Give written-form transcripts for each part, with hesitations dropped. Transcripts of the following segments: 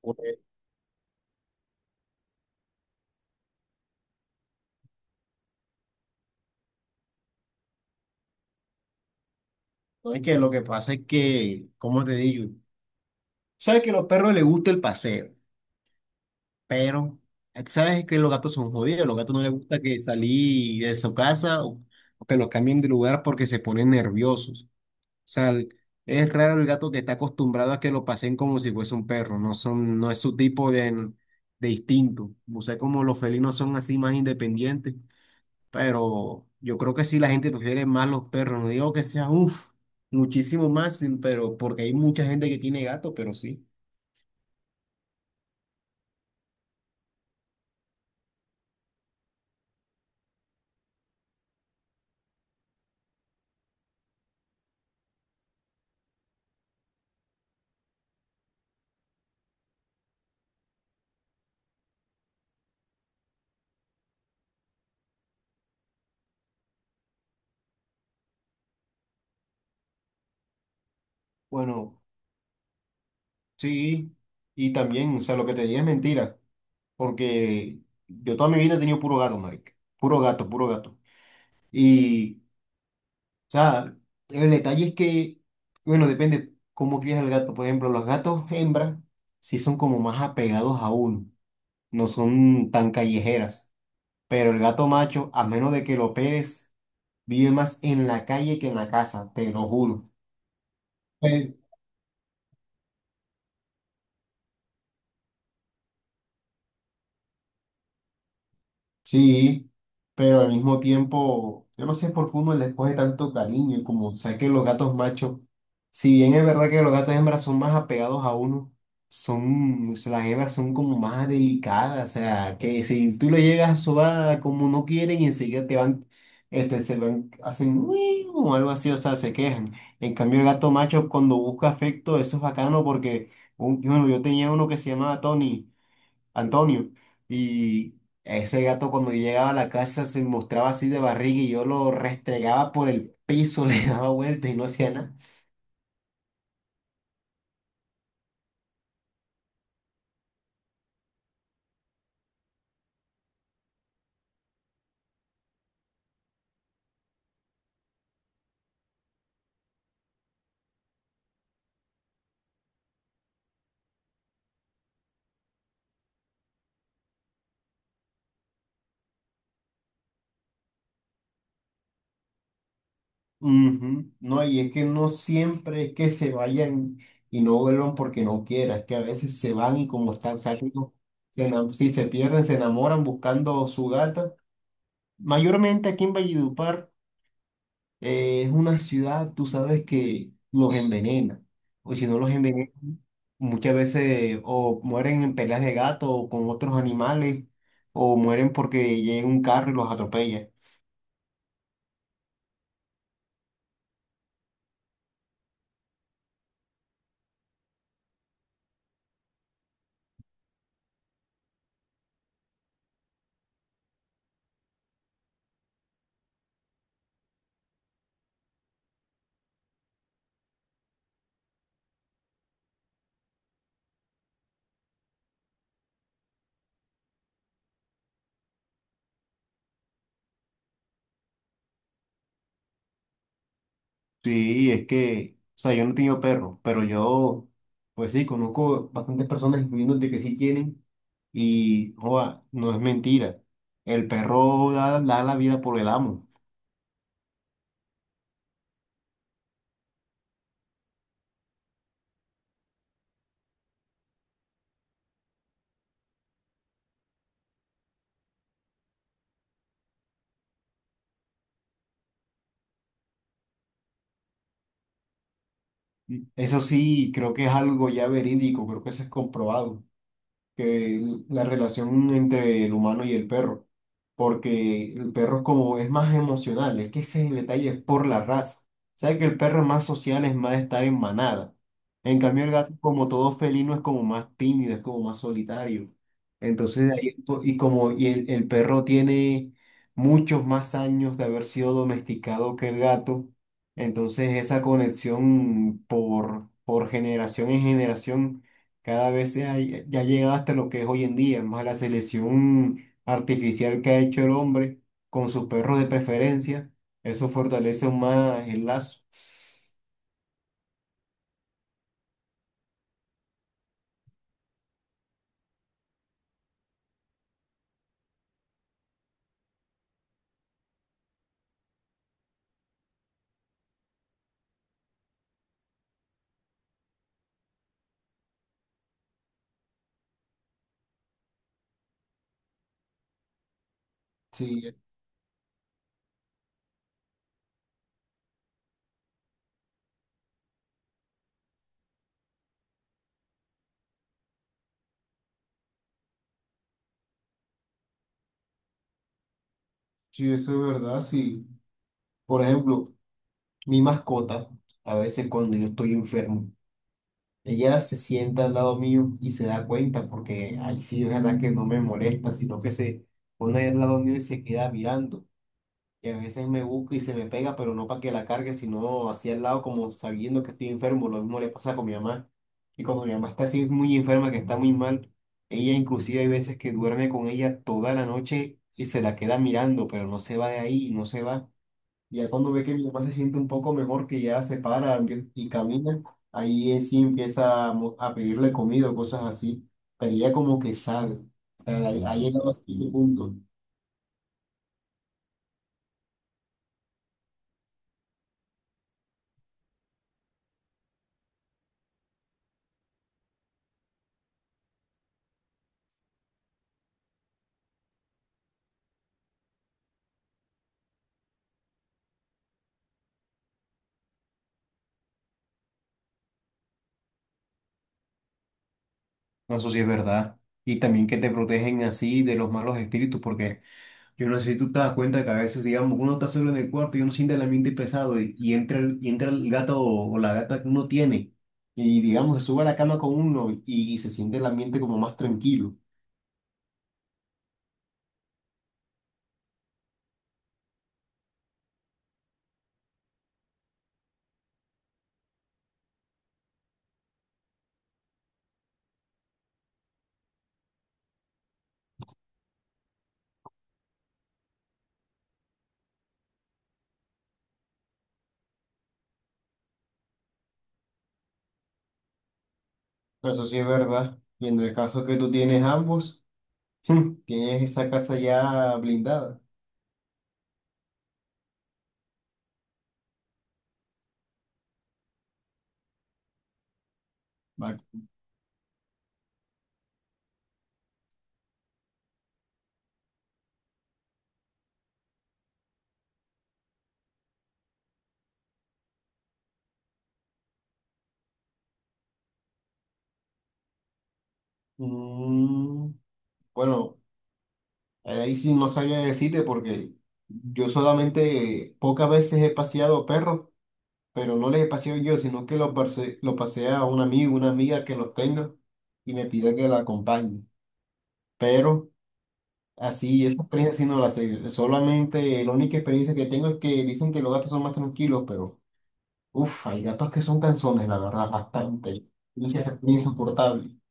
Pues, no. Es que lo que pasa es que, como te digo, sabes que a los perros les gusta el paseo, pero sabes que los gatos son jodidos, los gatos no les gusta que salí de su casa o que los cambien de lugar porque se ponen nerviosos. O sea, es raro el gato que está acostumbrado a que lo pasen como si fuese un perro, no son, no es su tipo de instinto. O sea, como los felinos son así más independientes. Pero yo creo que sí, la gente prefiere más los perros. No digo que sea, uff, muchísimo más, pero porque hay mucha gente que tiene gato, pero sí. Bueno, sí. Y también, o sea, lo que te dije es mentira. Porque yo toda mi vida he tenido puro gato, marica. Puro gato, puro gato. Y, o sea, el detalle es que, bueno, depende cómo crías el gato. Por ejemplo, los gatos hembra sí son como más apegados a uno. No son tan callejeras. Pero el gato macho, a menos de que lo operes, vive más en la calle que en la casa, te lo juro. Pe- Sí, pero al mismo tiempo, yo no sé por qué uno les coge tanto cariño, y como sé que los gatos machos, si bien es verdad que los gatos hembras son más apegados a uno, son, o sea, las hembras son como más delicadas, o sea, que si tú le llegas a sobar como no quieren y enseguida te van, se van, hacen "uy", o algo así, o sea, se quejan. En cambio el gato macho, cuando busca afecto, eso es bacano porque, bueno, yo tenía uno que se llamaba Tony. Antonio. Y ese gato cuando yo llegaba a la casa se mostraba así de barriga y yo lo restregaba por el piso, le daba vueltas y no hacía nada. Ujú. No, y es que no siempre es que se vayan y no vuelvan porque no quieran, es que a veces se van y como están saliendo, si se pierden, se enamoran buscando su gata. Mayormente aquí en Valledupar. Es una ciudad, tú sabes que los envenena, o si no los envenena, muchas veces o mueren en peleas de gato o con otros animales, o mueren porque llega un carro y los atropella. Sí, es que, o sea, yo no he tenido perros, pero yo, pues sí, conozco bastantes personas, incluyendo de que sí tienen, y joa, no es mentira. El perro da, da la vida por el amo. Eso sí, creo que es algo ya verídico, creo que eso es comprobado. Que la relación entre el humano y el perro, porque el perro, como es más emocional, es que ese es el detalle, es por la raza. Sabe que el perro es más social, es más de estar en manada. En cambio el gato, como todo felino, es como más tímido, es como más solitario. Entonces, de ahí, es y como y el perro tiene muchos más años de haber sido domesticado que el gato, entonces esa conexión por generación en generación cada vez ya ha llegado hasta lo que es hoy en día, más la selección artificial que ha hecho el hombre con sus perros de preferencia. Eso fortalece aún más el lazo. Sí, sí, eso es verdad, sí. Por ejemplo, mi mascota, a veces cuando yo estoy enfermo, ella se sienta al lado mío y se da cuenta, porque ahí sí es verdad que no me molesta, sino que se pone al lado mío y se queda mirando. Y a veces me busca y se me pega, pero no para que la cargue, sino hacia el lado, como sabiendo que estoy enfermo. Lo mismo le pasa con mi mamá. Y cuando mi mamá está así muy enferma, que está muy mal, ella inclusive hay veces que duerme con ella toda la noche y se la queda mirando, pero no se va de ahí y no se va. Ya cuando ve que mi mamá se siente un poco mejor, que ya se para y camina, ahí es sí empieza a, a pedirle comida o cosas así. Pero ella como que sabe. O sea, ha llegado a ese punto. No, eso sí es verdad. Y también que te protegen así de los malos espíritus, porque yo no sé si tú te das cuenta que a veces, digamos, uno está solo en el cuarto y uno siente el ambiente pesado, y entra y entra el gato o la gata que uno tiene y, digamos, se sube a la cama con uno y se siente el ambiente como más tranquilo. No, eso sí es verdad. Y en el caso que tú tienes ambos, tienes esa casa ya blindada. Va- Mm, bueno. Ahí sí no sabía decirte, porque yo solamente pocas veces he paseado perros, pero no les he paseado yo, sino que los pase, los pasea a un amigo, una amiga que los tenga y me pide que la acompañe. Pero así, esa experiencia sí no la sé. Solamente la única experiencia que tengo es que dicen que los gatos son más tranquilos, pero uff, hay gatos que son canzones, la verdad, bastante. Y que se ponen insoportable.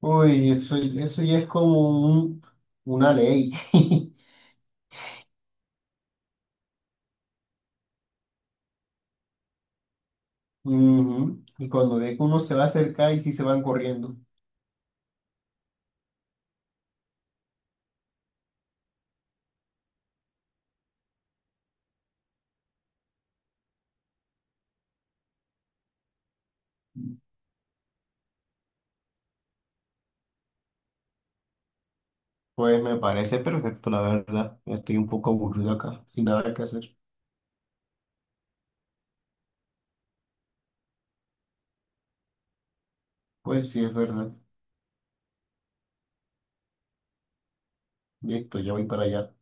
Uy, eso ya es como un- una ley. Ujú. Y cuando ve que uno se va a acercar y sí se van corriendo. Pues me parece perfecto, la verdad. Estoy un poco aburrido acá, sin nada que hacer. Pues sí, es verdad. Listo, ya voy para allá.